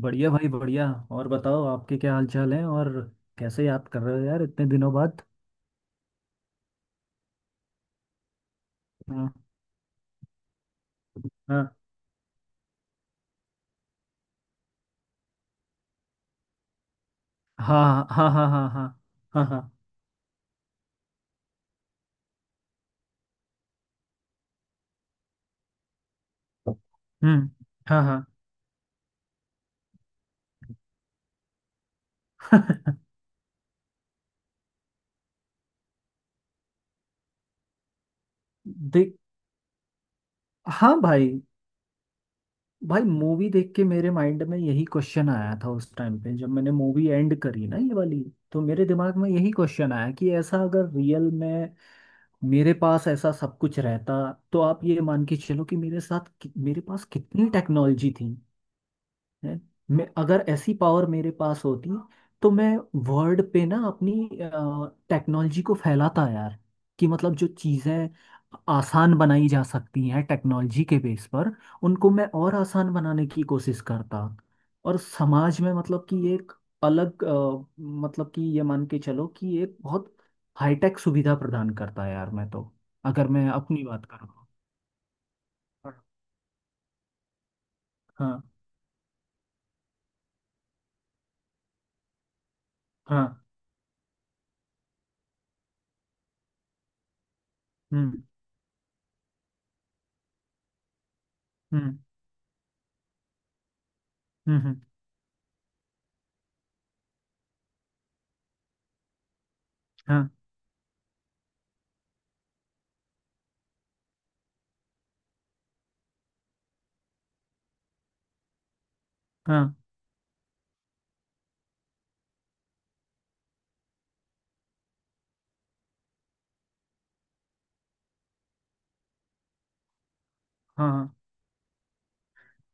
बढ़िया भाई, बढ़िया। और बताओ, आपके क्या हाल चाल है? और कैसे याद कर रहे हो यार इतने दिनों बाद? हाँ, हाँ, हाँ, हाँ, हाँ। हाँ, हाँ, हाँ, हाँ। हम्म। हाँ, हाँ। देख, हाँ भाई। भाई, मूवी देख के मेरे माइंड में यही क्वेश्चन आया था उस टाइम पे जब मैंने मूवी एंड करी ना, ये वाली। तो मेरे दिमाग में यही क्वेश्चन आया कि ऐसा अगर रियल में मेरे पास ऐसा सब कुछ रहता, तो आप ये मान के चलो कि मेरे साथ मेरे पास कितनी टेक्नोलॉजी थी है। मैं अगर ऐसी पावर मेरे पास होती तो मैं वर्ल्ड पे ना अपनी टेक्नोलॉजी को फैलाता यार। कि मतलब जो चीज़ें आसान बनाई जा सकती हैं टेक्नोलॉजी के बेस पर, उनको मैं और आसान बनाने की कोशिश करता। और समाज में मतलब कि एक मतलब कि ये मान के चलो कि एक बहुत हाईटेक सुविधा प्रदान करता यार मैं तो, अगर मैं अपनी बात करूँ। हाँ, हाँ, हाँ, हम्म। हम्म, हम्म, हम्म। हाँ, हाँ, हाँ।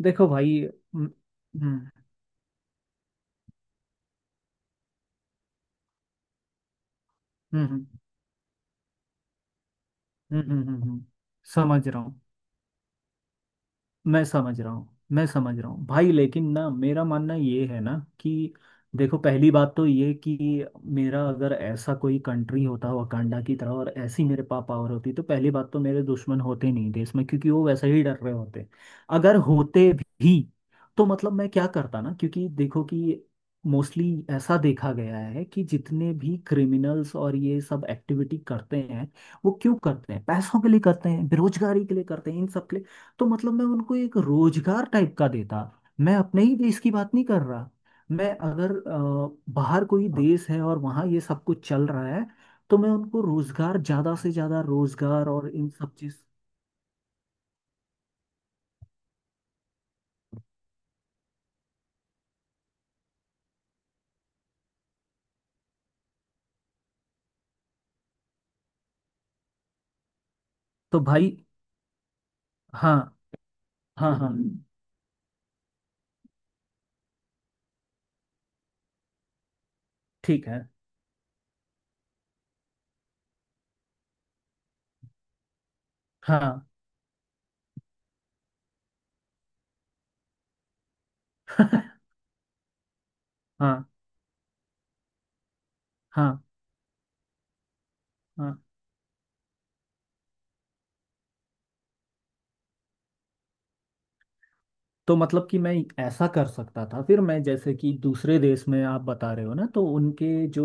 देखो भाई। हम्म, हम्म, हम्म, हम्म, हम्म। समझ रहा हूँ। मैं समझ रहा हूँ, मैं समझ रहा हूँ भाई, लेकिन ना मेरा मानना ये है ना कि देखो, पहली बात तो ये कि मेरा अगर ऐसा कोई कंट्री होता वकांडा की तरह और ऐसी मेरे पास पावर होती, तो पहली बात तो मेरे दुश्मन होते नहीं देश में, क्योंकि वो वैसे ही डर रहे होते। अगर होते भी तो मतलब मैं क्या करता ना, क्योंकि देखो कि मोस्टली ऐसा देखा गया है कि जितने भी क्रिमिनल्स और ये सब एक्टिविटी करते हैं, वो क्यों करते हैं? पैसों के लिए करते हैं, बेरोजगारी के लिए करते हैं, इन सब। तो मतलब मैं उनको एक रोजगार टाइप का देता। मैं अपने ही देश की बात नहीं कर रहा। मैं अगर बाहर कोई देश है और वहाँ ये सब कुछ चल रहा है, तो मैं उनको रोजगार, ज्यादा से ज्यादा रोजगार और इन सब चीज। तो भाई, हाँ, हाँ, हाँ। ठीक है। हाँ। हाँ, हाँ, हाँ। तो मतलब कि मैं ऐसा कर सकता था। फिर मैं जैसे कि दूसरे देश में आप बता रहे हो ना, तो उनके जो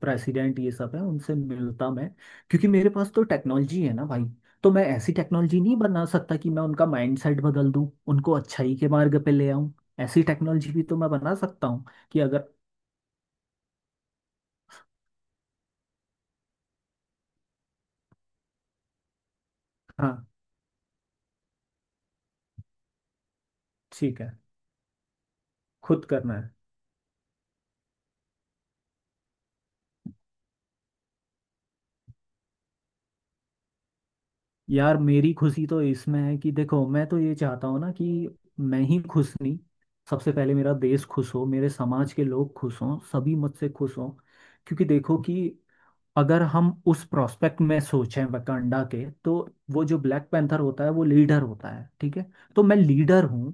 प्रेसिडेंट ये सब है, उनसे मिलता मैं। क्योंकि मेरे पास तो टेक्नोलॉजी है ना भाई, तो मैं ऐसी टेक्नोलॉजी नहीं बना सकता कि मैं उनका माइंडसेट बदल दूं, उनको अच्छाई के मार्ग पे ले आऊं? ऐसी टेक्नोलॉजी भी तो मैं बना सकता हूँ कि अगर। हाँ। ठीक है, खुद करना है। यार मेरी खुशी तो इसमें है कि देखो, मैं तो ये चाहता हूँ ना कि मैं ही खुश नहीं, सबसे पहले मेरा देश खुश हो, मेरे समाज के लोग खुश हों, सभी मुझसे खुश हों। क्योंकि देखो कि अगर हम उस प्रोस्पेक्ट में सोचें वकांडा के, तो वो जो ब्लैक पैंथर होता है वो लीडर होता है, ठीक है? तो मैं लीडर हूँ,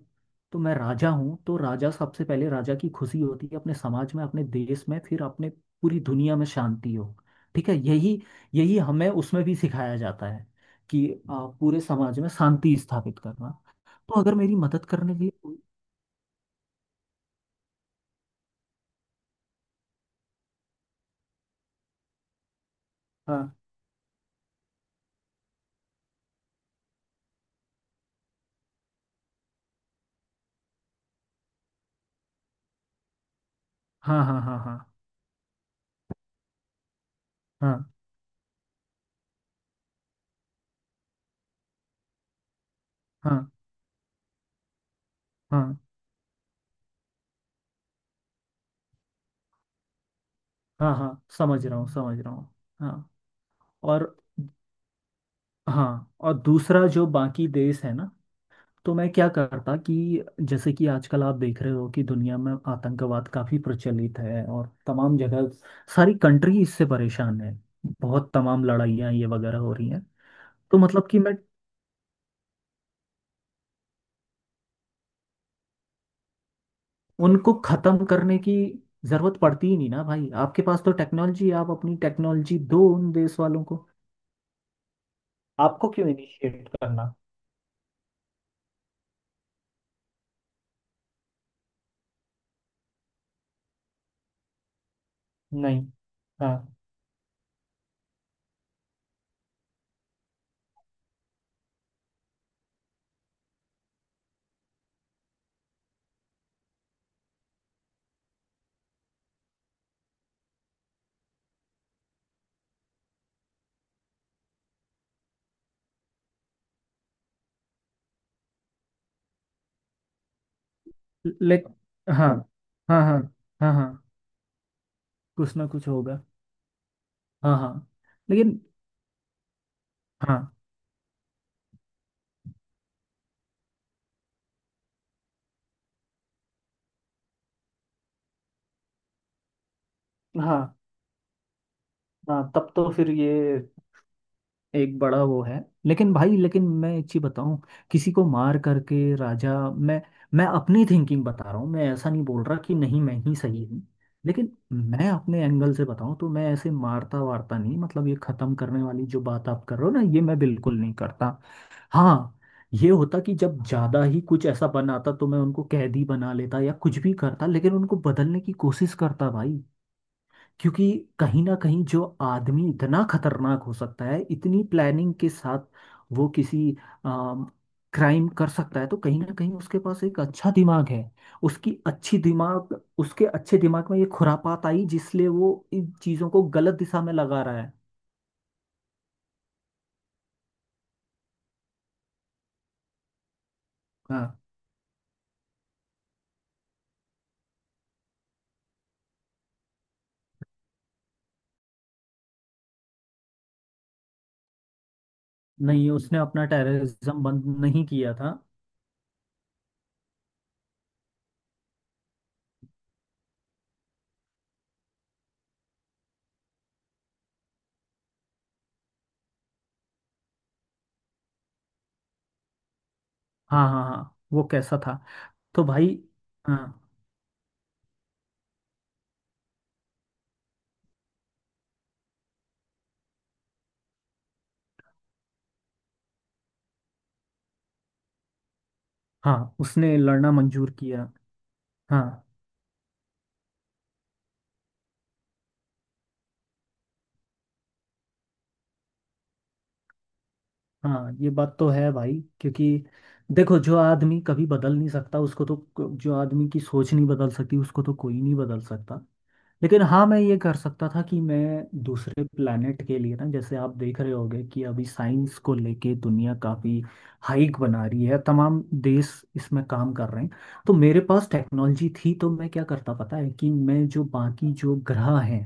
तो मैं राजा हूँ। तो राजा सबसे पहले, राजा की खुशी होती है अपने समाज में, अपने देश में, फिर अपने पूरी दुनिया में शांति हो। ठीक है, यही, हमें उसमें भी सिखाया जाता है कि पूरे समाज में शांति स्थापित करना। तो अगर मेरी मदद करने के लिए कोई- हाँ, हाँ, हाँ, हाँ, हाँ। हाँ, हाँ, हाँ, हाँ, हाँ। समझ रहा हूँ, समझ रहा हूँ। हाँ और, हाँ और दूसरा जो बाकी देश है ना, तो मैं क्या करता कि जैसे कि आजकल आप देख रहे हो कि दुनिया में आतंकवाद काफी प्रचलित है और तमाम जगह सारी कंट्री इससे परेशान है। बहुत तमाम लड़ाइयाँ ये वगैरह हो रही हैं। तो मतलब कि मैं उनको खत्म करने की जरूरत पड़ती ही नहीं ना भाई, आपके पास तो टेक्नोलॉजी। आप अपनी टेक्नोलॉजी दो उन देश वालों को, आपको क्यों इनिशिएट करना? नहीं। हाँ। ले, हाँ, हाँ, हाँ। हाँ, हाँ, हाँ, कुछ ना कुछ होगा। हाँ, हाँ। लेकिन, हाँ, हाँ, हाँ, तब तो फिर ये एक बड़ा वो है। लेकिन भाई, लेकिन मैं एक चीज बताऊं, किसी को मार करके राजा मैं अपनी थिंकिंग बता रहा हूँ, मैं ऐसा नहीं बोल रहा कि नहीं, मैं ही सही हूँ। लेकिन मैं अपने एंगल से बताऊं तो मैं ऐसे मारता वारता नहीं, मतलब ये खत्म करने वाली जो बात आप कर रहे हो ना, ये मैं बिल्कुल नहीं करता। हाँ, ये होता कि जब ज्यादा ही कुछ ऐसा बनाता तो मैं उनको कैदी बना लेता या कुछ भी करता, लेकिन उनको बदलने की कोशिश करता भाई। क्योंकि कहीं ना कहीं जो आदमी इतना खतरनाक हो सकता है इतनी प्लानिंग के साथ, वो किसी क्राइम कर सकता है, तो कहीं ना कहीं उसके पास एक अच्छा दिमाग है। उसकी अच्छी दिमाग, उसके अच्छे दिमाग में ये खुरापात आई जिसलिए वो इन चीज़ों को गलत दिशा में लगा रहा है। हाँ, नहीं, उसने अपना टेररिज्म बंद नहीं किया था। हाँ, हाँ, हाँ, वो कैसा था। तो भाई, हाँ, हाँ, उसने लड़ना मंजूर किया। हाँ, हाँ, ये बात तो है भाई। क्योंकि देखो, जो आदमी कभी बदल नहीं सकता उसको तो, जो आदमी की सोच नहीं बदल सकती उसको तो कोई नहीं बदल सकता। लेकिन हाँ, मैं ये कर सकता था कि मैं दूसरे प्लानट के लिए ना, जैसे आप देख रहे होगे कि अभी साइंस को लेके दुनिया काफ़ी हाइक बना रही है, तमाम देश इसमें काम कर रहे हैं। तो मेरे पास टेक्नोलॉजी थी तो मैं क्या करता पता है? कि मैं जो बाकी जो ग्रह हैं,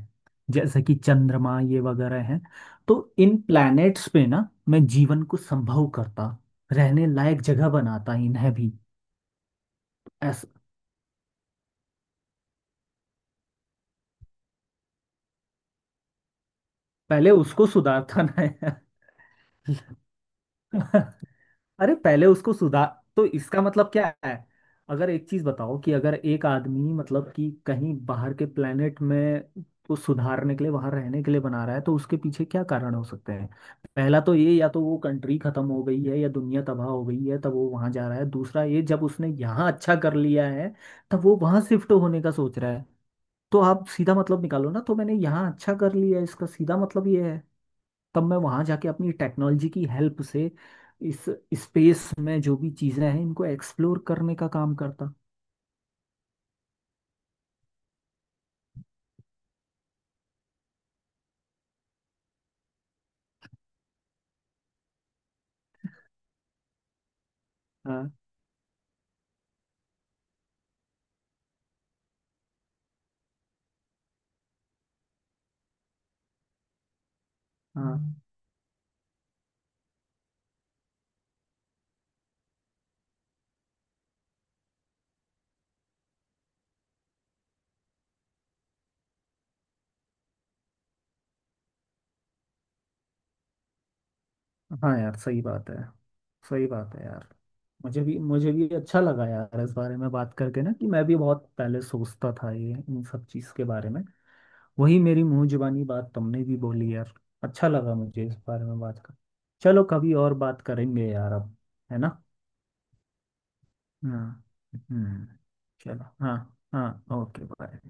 जैसे कि चंद्रमा ये वगैरह हैं, तो इन प्लैनेट्स पे ना मैं जीवन को संभव करता, रहने लायक जगह बनाता इन्हें भी, ऐसा। पहले उसको सुधारता ना है। अरे पहले उसको सुधार, तो इसका मतलब क्या है? अगर एक चीज बताओ कि अगर एक आदमी मतलब कि कहीं बाहर के प्लेनेट में को सुधारने के लिए वहां रहने के लिए बना रहा है, तो उसके पीछे क्या कारण हो सकते हैं? पहला तो ये, या तो वो कंट्री खत्म हो गई है या दुनिया तबाह हो गई है, तब वो वहां जा रहा है। दूसरा ये, जब उसने यहाँ अच्छा कर लिया है, तब वो वहां शिफ्ट होने का सोच रहा है। तो आप सीधा मतलब निकालो ना, तो मैंने यहाँ अच्छा कर लिया है, इसका सीधा मतलब ये है। तब मैं वहां जाके अपनी टेक्नोलॉजी की हेल्प से इस स्पेस में जो भी चीजें हैं, इनको एक्सप्लोर करने का काम करता। हाँ, हाँ। हाँ यार, सही बात है, सही बात है यार। मुझे भी अच्छा लगा यार इस बारे में बात करके ना, कि मैं भी बहुत पहले सोचता था ये इन सब चीज़ के बारे में। वही मेरी मुंह जुबानी बात तुमने भी बोली यार। अच्छा लगा मुझे इस बारे में बात कर। चलो, कभी और बात करेंगे यार अब, है ना? हाँ, हम्म। चलो हाँ, हाँ, ओके, बाय।